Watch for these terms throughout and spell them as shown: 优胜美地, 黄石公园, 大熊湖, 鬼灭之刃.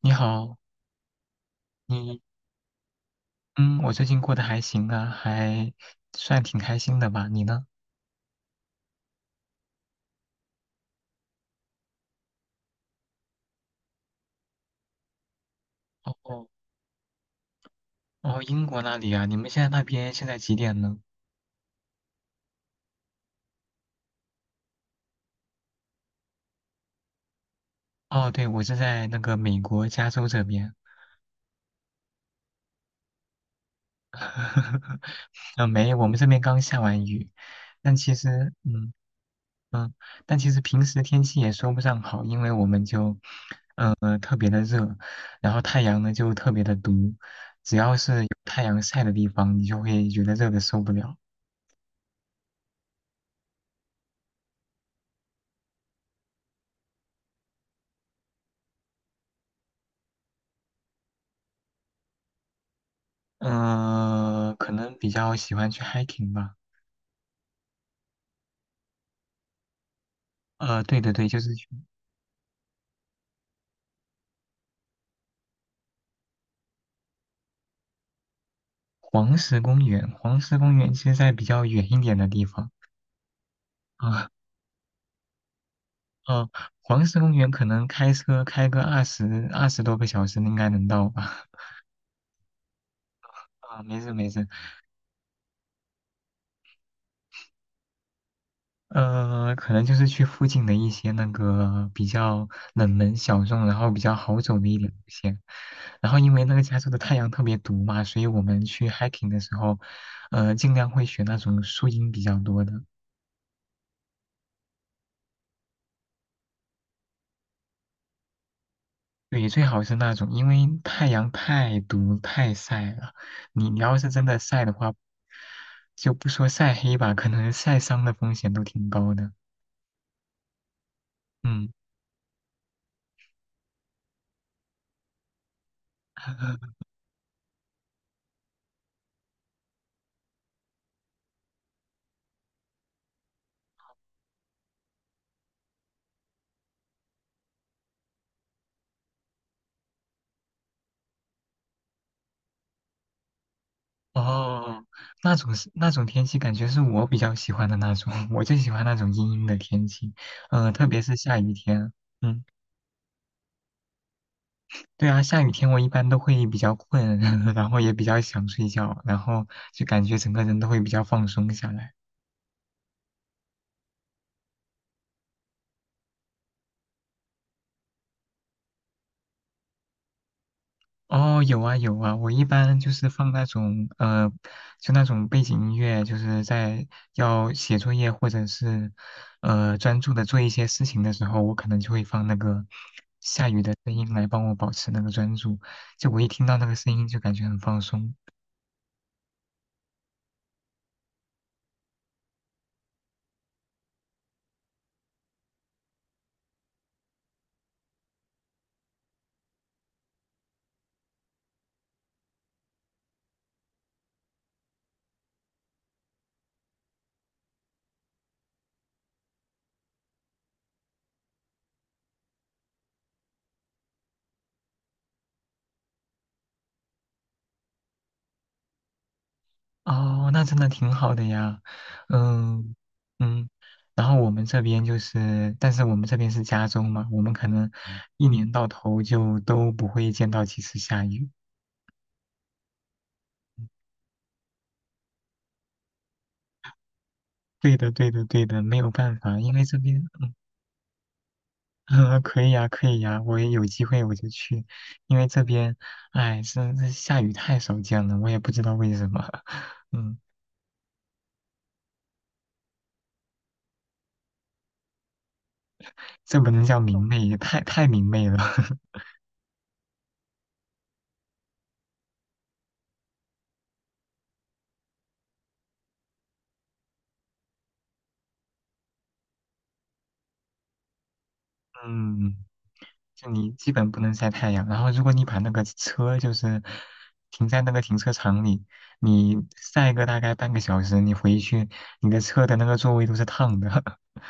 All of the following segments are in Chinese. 你好，你嗯，我最近过得还行啊，还算挺开心的吧？你呢？哦哦，英国那里啊，你们现在那边现在几点呢？哦，对，我是在那个美国加州这边。没，我们这边刚下完雨，但其实嗯，但其实平时天气也说不上好，因为我们就呃特别的热，然后太阳呢就特别的毒，只要是有太阳晒的地方，你就会觉得热的受不了。呃，可能比较喜欢去 hiking 吧。对，就是去黄石公园。黄石公园其实在比较远一点的地方啊。呃，黄石公园可能开车开个二十多个小时应该能到吧。啊，没事没事。呃，可能就是去附近的一些那个比较冷门小众，然后比较好走的一点路线。然后因为那个加州的太阳特别毒嘛，所以我们去 hiking 的时候，尽量会选那种树荫比较多的。对，最好是那种，因为太阳太毒太晒了。你要是真的晒的话，就不说晒黑吧，可能晒伤的风险都挺高的。嗯，哦，那种是那种天气，感觉是我比较喜欢的那种，我就喜欢那种阴阴的天气，特别是下雨天。嗯，对啊，下雨天我一般都会比较困，然后也比较想睡觉，然后就感觉整个人都会比较放松下来。哦，有啊有啊，我一般就是放那种就那种背景音乐，就是在要写作业或者是专注的做一些事情的时候，我可能就会放那个下雨的声音来帮我保持那个专注。就我一听到那个声音就感觉很放松。哦，那真的挺好的呀。嗯嗯，然后我们这边就是，但是我们这边是加州嘛，我们可能一年到头就都不会见到几次下雨。对的，对的，对的，没有办法，因为这边，呃，可以呀，可以呀，我也有机会我就去，因为这边，哎，这下雨太少见了，我也不知道为什么，嗯，这不能叫明媚，太明媚了，嗯，就你基本不能晒太阳，然后如果你把那个车就是停在那个停车场里，你晒个大概半个小时，你回去，你的车的那个座位都是烫的，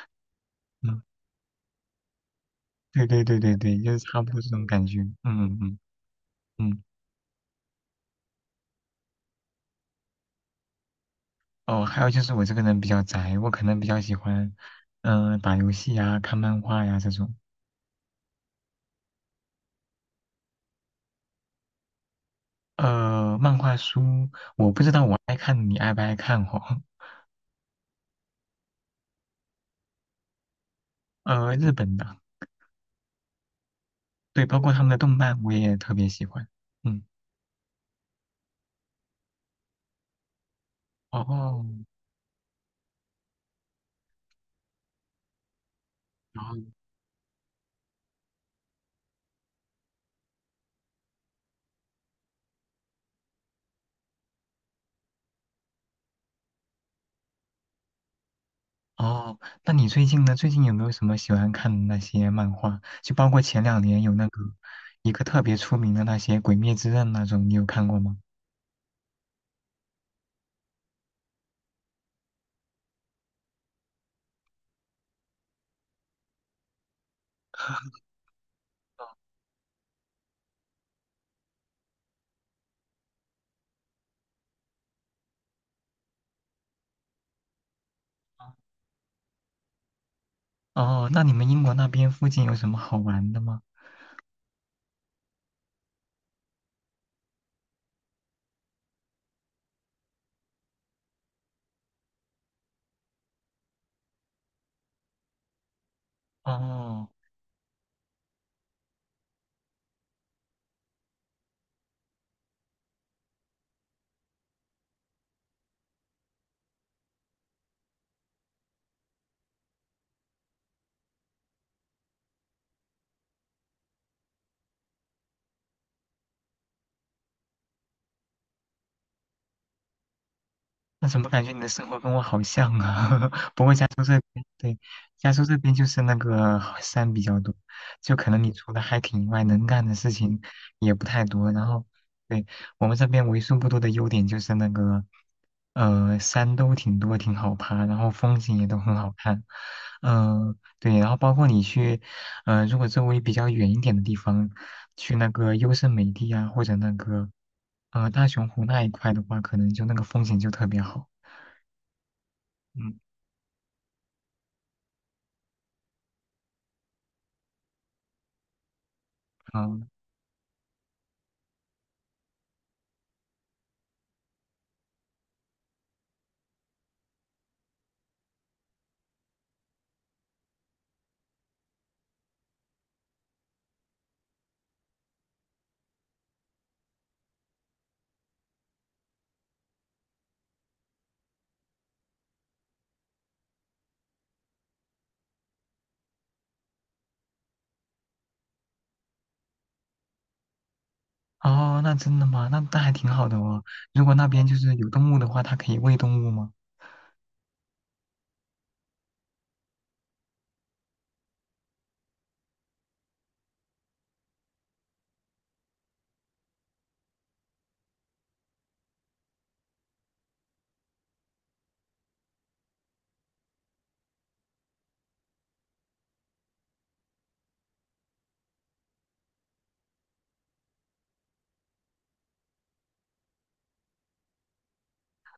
嗯，对对对对对，就是差不多这种感觉，嗯嗯嗯。嗯哦，还有就是我这个人比较宅，我可能比较喜欢，嗯、打游戏呀、看漫画呀这种。呃，漫画书我不知道我爱看，你爱不爱看哦？呃，日本的，对，包括他们的动漫我也特别喜欢。嗯，哦，然后哦，那你最近呢？最近有没有什么喜欢看的那些漫画？就包括前两年有那个一个特别出名的那些《鬼灭之刃》那种，你有看过吗？哦，那你们英国那边附近有什么好玩的吗？哦。那怎么感觉你的生活跟我好像啊？不过加州这边，对，加州这边就是那个山比较多，就可能你除了 hiking 以外，能干的事情也不太多。然后，对，我们这边为数不多的优点就是那个，山都挺多，挺好爬，然后风景也都很好看。嗯、对，然后包括你去，呃，如果周围比较远一点的地方，去那个优胜美地啊，或者那个。呃，大熊湖那一块的话，可能就那个风景就特别好。嗯嗯，哦，那真的吗？那那还挺好的哦。如果那边就是有动物的话，它可以喂动物吗？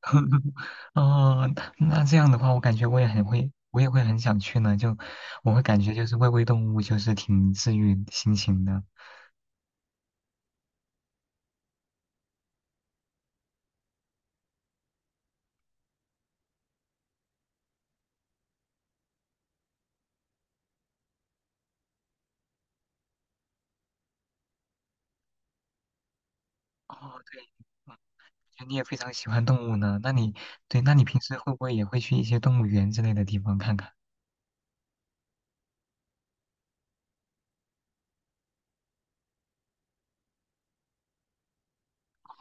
哦，那这样的话，我感觉我也很会，我也会很想去呢。就我会感觉就是喂喂动物，就是挺治愈心情的。哦，对，嗯你也非常喜欢动物呢。那你对，那你平时会不会也会去一些动物园之类的地方看看？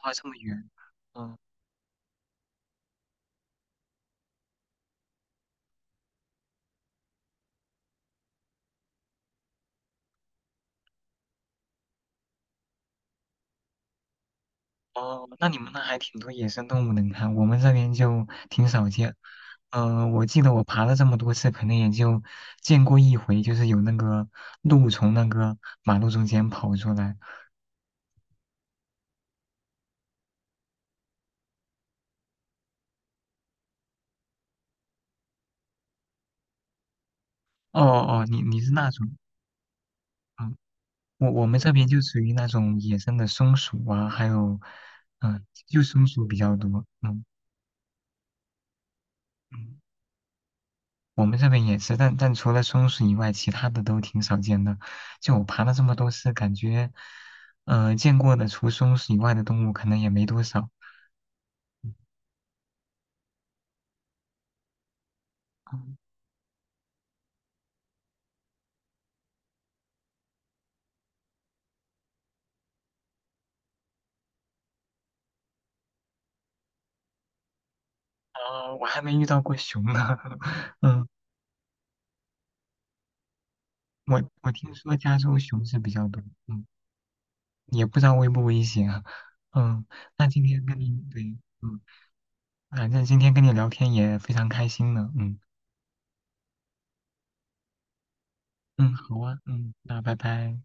哇，这么远，嗯，哦，那你们那还挺多野生动物能看，我们这边就挺少见。嗯，我记得我爬了这么多次，可能也就见过一回，就是有那个鹿从那个马路中间跑出来。哦哦，你你是那种，嗯，我们这边就属于那种野生的松鼠啊，还有，嗯、就松鼠比较多，嗯嗯，我们这边也是，但但除了松鼠以外，其他的都挺少见的。就我爬了这么多次，感觉，见过的除松鼠以外的动物可能也没多少。嗯嗯哦，我还没遇到过熊呢。嗯，我我听说加州熊是比较多，嗯，也不知道危不危险啊。嗯，那今天跟你对，嗯，反正今天跟你聊天也非常开心呢。嗯嗯，好啊，嗯，那拜拜。